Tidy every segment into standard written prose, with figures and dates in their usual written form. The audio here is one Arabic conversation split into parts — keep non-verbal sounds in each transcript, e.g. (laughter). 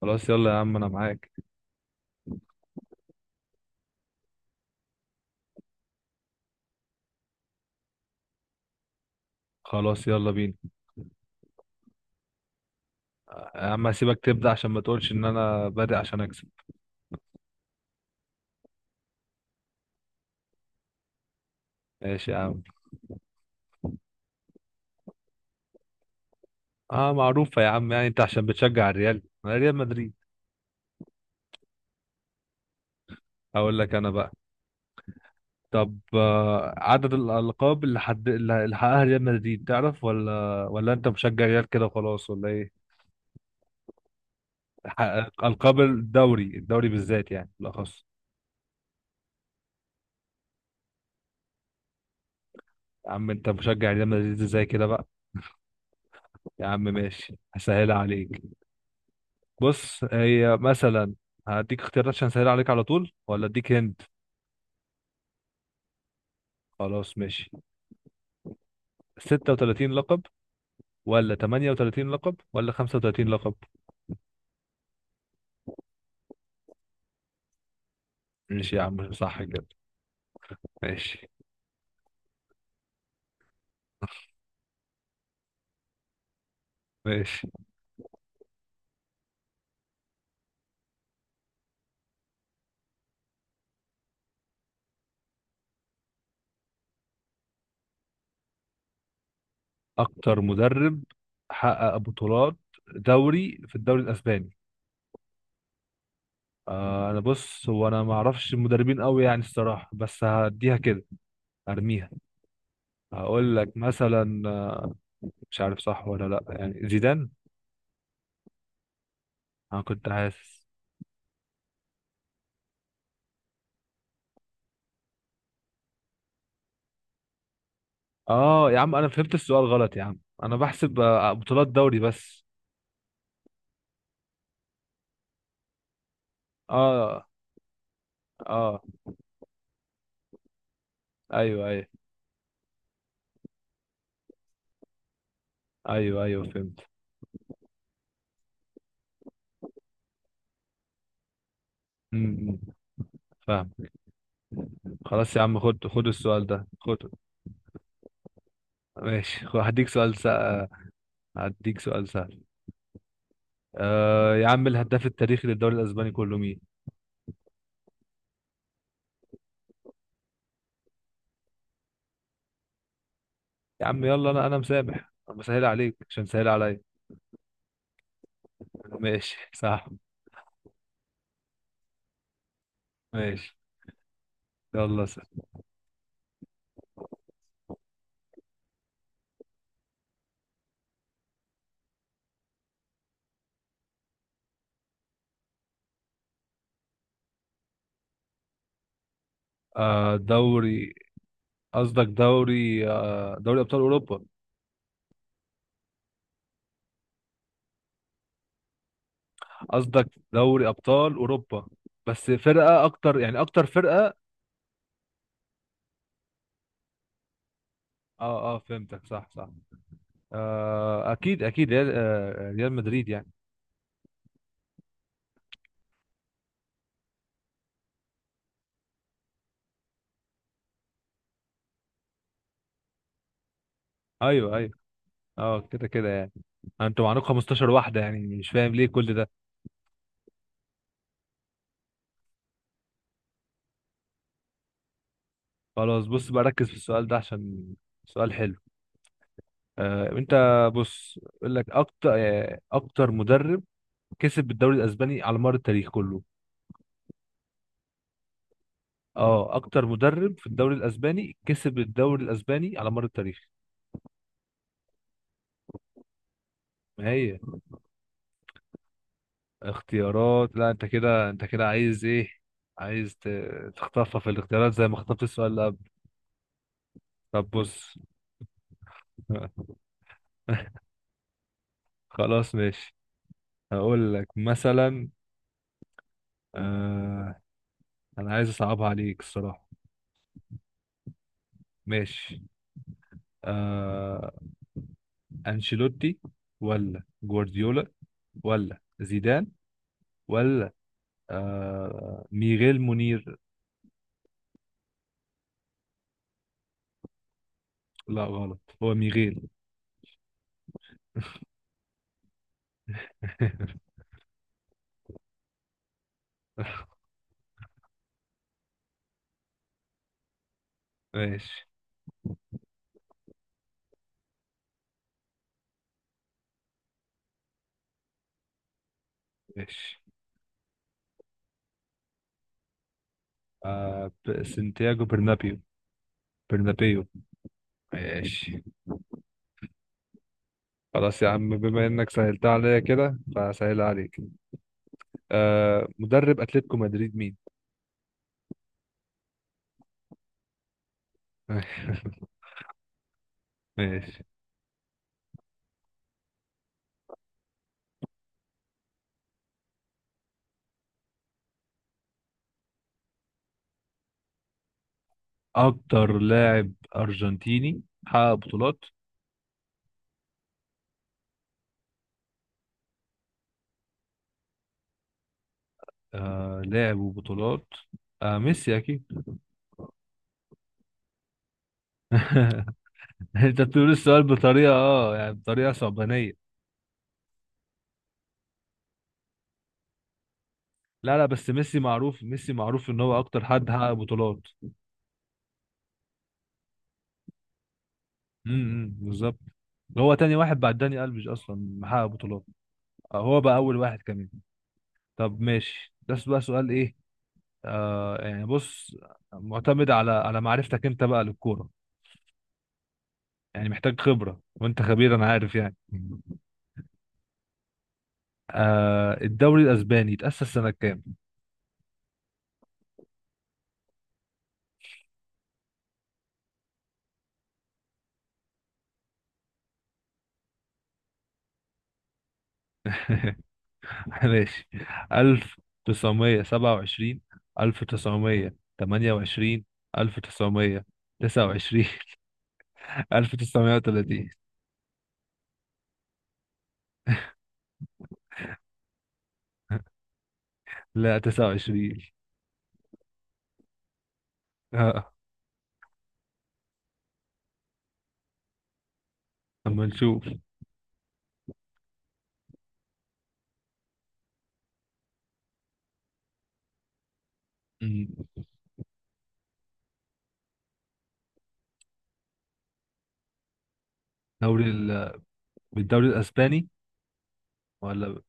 خلاص، يلا يا عم، انا معاك. خلاص، يلا بينا. يا عم، هسيبك تبدأ عشان ما تقولش ان انا بادئ عشان اكسب. ماشي يا عم. اه، معروفة يا عم. يعني انت عشان بتشجع الريال، انا ريال مدريد. اقول لك انا بقى. طب عدد الألقاب اللي حد اللي اللي حققها ريال مدريد، تعرف ولا انت مشجع ريال كده وخلاص، ولا ايه؟ حقق ألقاب الدوري بالذات، يعني بالأخص. يا عم انت مشجع ريال مدريد ازاي كده بقى؟ يا عم ماشي، هسهلها عليك. بص، هي مثلا. هديك اختيارات عشان اسهل عليك على طول، ولا اديك هند؟ خلاص ماشي. 36 لقب، ولا 38 لقب، ولا 35 لقب؟ ماشي يا عم، صح كده. ماشي. ماشي. اكتر مدرب حقق بطولات في الدوري الاسباني. انا بص، هو انا ما اعرفش المدربين قوي يعني الصراحه، بس هديها كده. ارميها. هقول لك مثلا. مش عارف صح ولا لا، يعني زيدان. انا كنت حاسس. اه يا عم، انا فهمت السؤال غلط. يا عم انا بحسب بطولات دوري بس. اه، اه. ايوه، ايوه. ايوه، ايوه، فهمت. امم فاهم. خلاص يا عم، خد خد السؤال ده، خد. ماشي، هديك سؤال سهل. هديك سؤال سهل. يا عم، الهداف التاريخي للدوري الاسباني كله مين؟ يا عم يلا، انا مسامح، انا بسهل عليك عشان سهل عليا. ماشي (laughs) صح. ماشي. يلا سهل. آه دوري قصدك دوري ابطال اوروبا. قصدك دوري ابطال اوروبا، بس فرقه اكتر يعني اكتر فرقه. اه، اه، فهمتك، صح، صح. اكيد، اكيد، ريال مدريد يعني. ايوه، ايوه. اه، كده كده يعني. انتوا معاكم 15 واحده يعني، مش فاهم ليه كل ده. خلاص بص بقى، ركز في السؤال ده عشان سؤال حلو. انت بص، يقول لك اكتر مدرب كسب الدوري الاسباني على مر التاريخ كله. اه، اكتر مدرب في الدوري الاسباني كسب الدوري الاسباني على مر التاريخ. ما هي اختيارات، لا انت كده، انت كده عايز ايه؟ عايز تخطفها في الاختيارات زي ما خطفت السؤال اللي قبل. طب بص (laughs) خلاص ماشي. هقول لك مثلا. آه انا عايز اصعبها عليك الصراحة. ماشي. آه انشيلوتي، ولا جوارديولا، ولا زيدان، ولا ميغيل منير. لا غلط، هو ميغيل. (laughs) ماشي. ماشي سانتياغو برنابيو. برنابيو. ماشي. خلاص يا عم، بما انك سهلتها عليا كده فسهلها عليك. مدرب اتلتيكو مدريد مين؟ (laughs) ماشي. اكتر لاعب ارجنتيني حقق بطولات. لاعب وبطولات. ميسي اكيد. (laughs) انت بتقول السؤال بطريقه يعني بطريقه صعبانيه. لا، لا، بس ميسي معروف، ميسي معروف ان هو اكتر حد حقق بطولات. بالظبط. هو تاني واحد بعد داني الفيش اصلا محقق بطولات. هو بقى اول واحد كمان. طب ماشي، ده بقى سؤال ايه. يعني بص، معتمد على معرفتك انت بقى للكوره. يعني محتاج خبره، وانت خبير، انا عارف يعني. الدوري الاسباني اتاسس سنه كام؟ (laughs) ماشي. 1927، 1928، 1929، 1930. (laughs) لا، 29. اه. اما نشوف. أمم. دوري ال... بالدوري الاسباني ولا ب-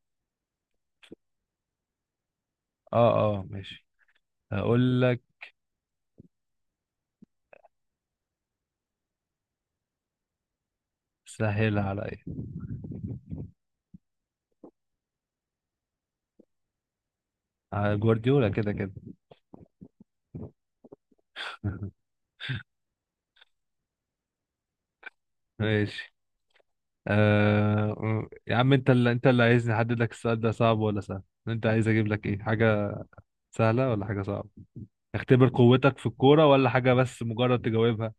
اه، اه، ماشي. هقول لك. سهل عليا. جوارديولا كده كده. (laughs) ماشي. يا عم، انت اللي عايزني احدد لك السؤال ده صعب ولا سهل. انت عايز اجيب لك ايه، حاجة سهلة ولا حاجة صعبة؟ اختبر قوتك في الكورة، ولا حاجة بس مجرد تجاوبها.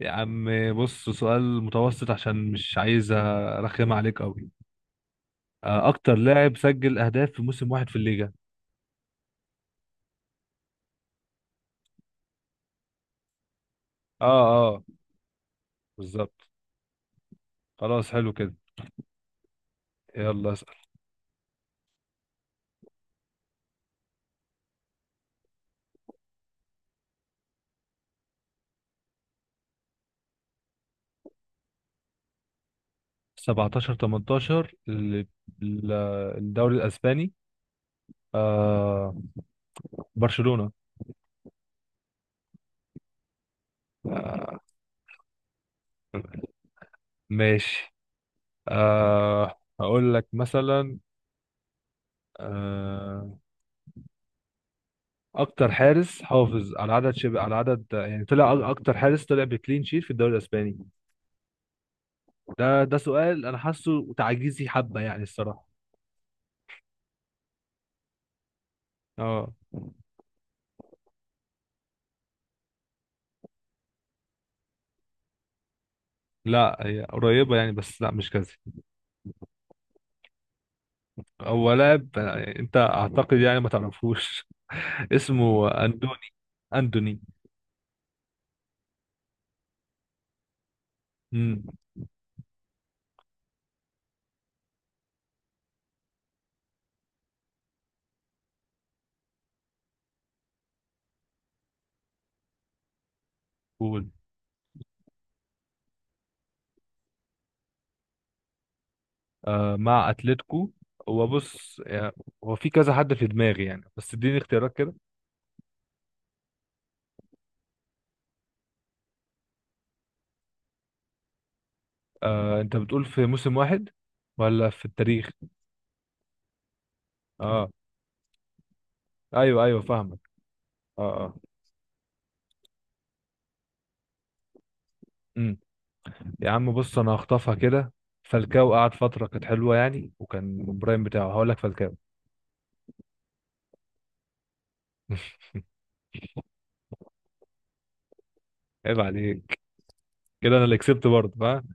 يا عم بص، سؤال متوسط عشان مش عايز ارخم عليك قوي. اكتر لاعب سجل اهداف في موسم واحد في الليجا. اه، اه، بالظبط. خلاص حلو كده. يلا اسأل. 17، 18 ل- الدوري الاسباني. آه... برشلونة آه، ماشي. هقول لك مثلا. أه اكتر حارس حافظ على عدد يعني طلع، اكتر حارس طلع بكلين شيت في الدوري الاسباني. ده سؤال انا حاسه تعجيزي حبة يعني الصراحة. اه. لا، هي قريبة يعني، بس لا مش كذا. هو لاعب، انت اعتقد يعني ما تعرفوش. (laughs) اسمه اندوني. اندوني. امم قول. مع اتلتيكو. هو بص يعني، هو في كذا حد في دماغي يعني، بس اديني اختيارات كده. انت بتقول في موسم واحد ولا في التاريخ؟ اه، ايوه، ايوه، فاهمك. اه، اه. امم يا عم بص، انا هخطفها كده. فالكاو قعد فتره كانت حلوه يعني، وكان البرايم بتاعه. هقول لك فالكاو. عيب عليك. كده انا اللي كسبت برضه، فاهم.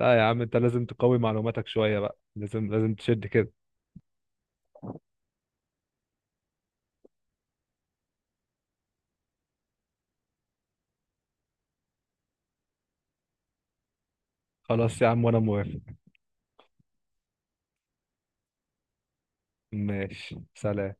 لا يا عم، انت لازم تقوي معلوماتك شويه بقى. لازم، لازم تشد كده. خلاص يا عم، وانا موافق. ماشي، سلام.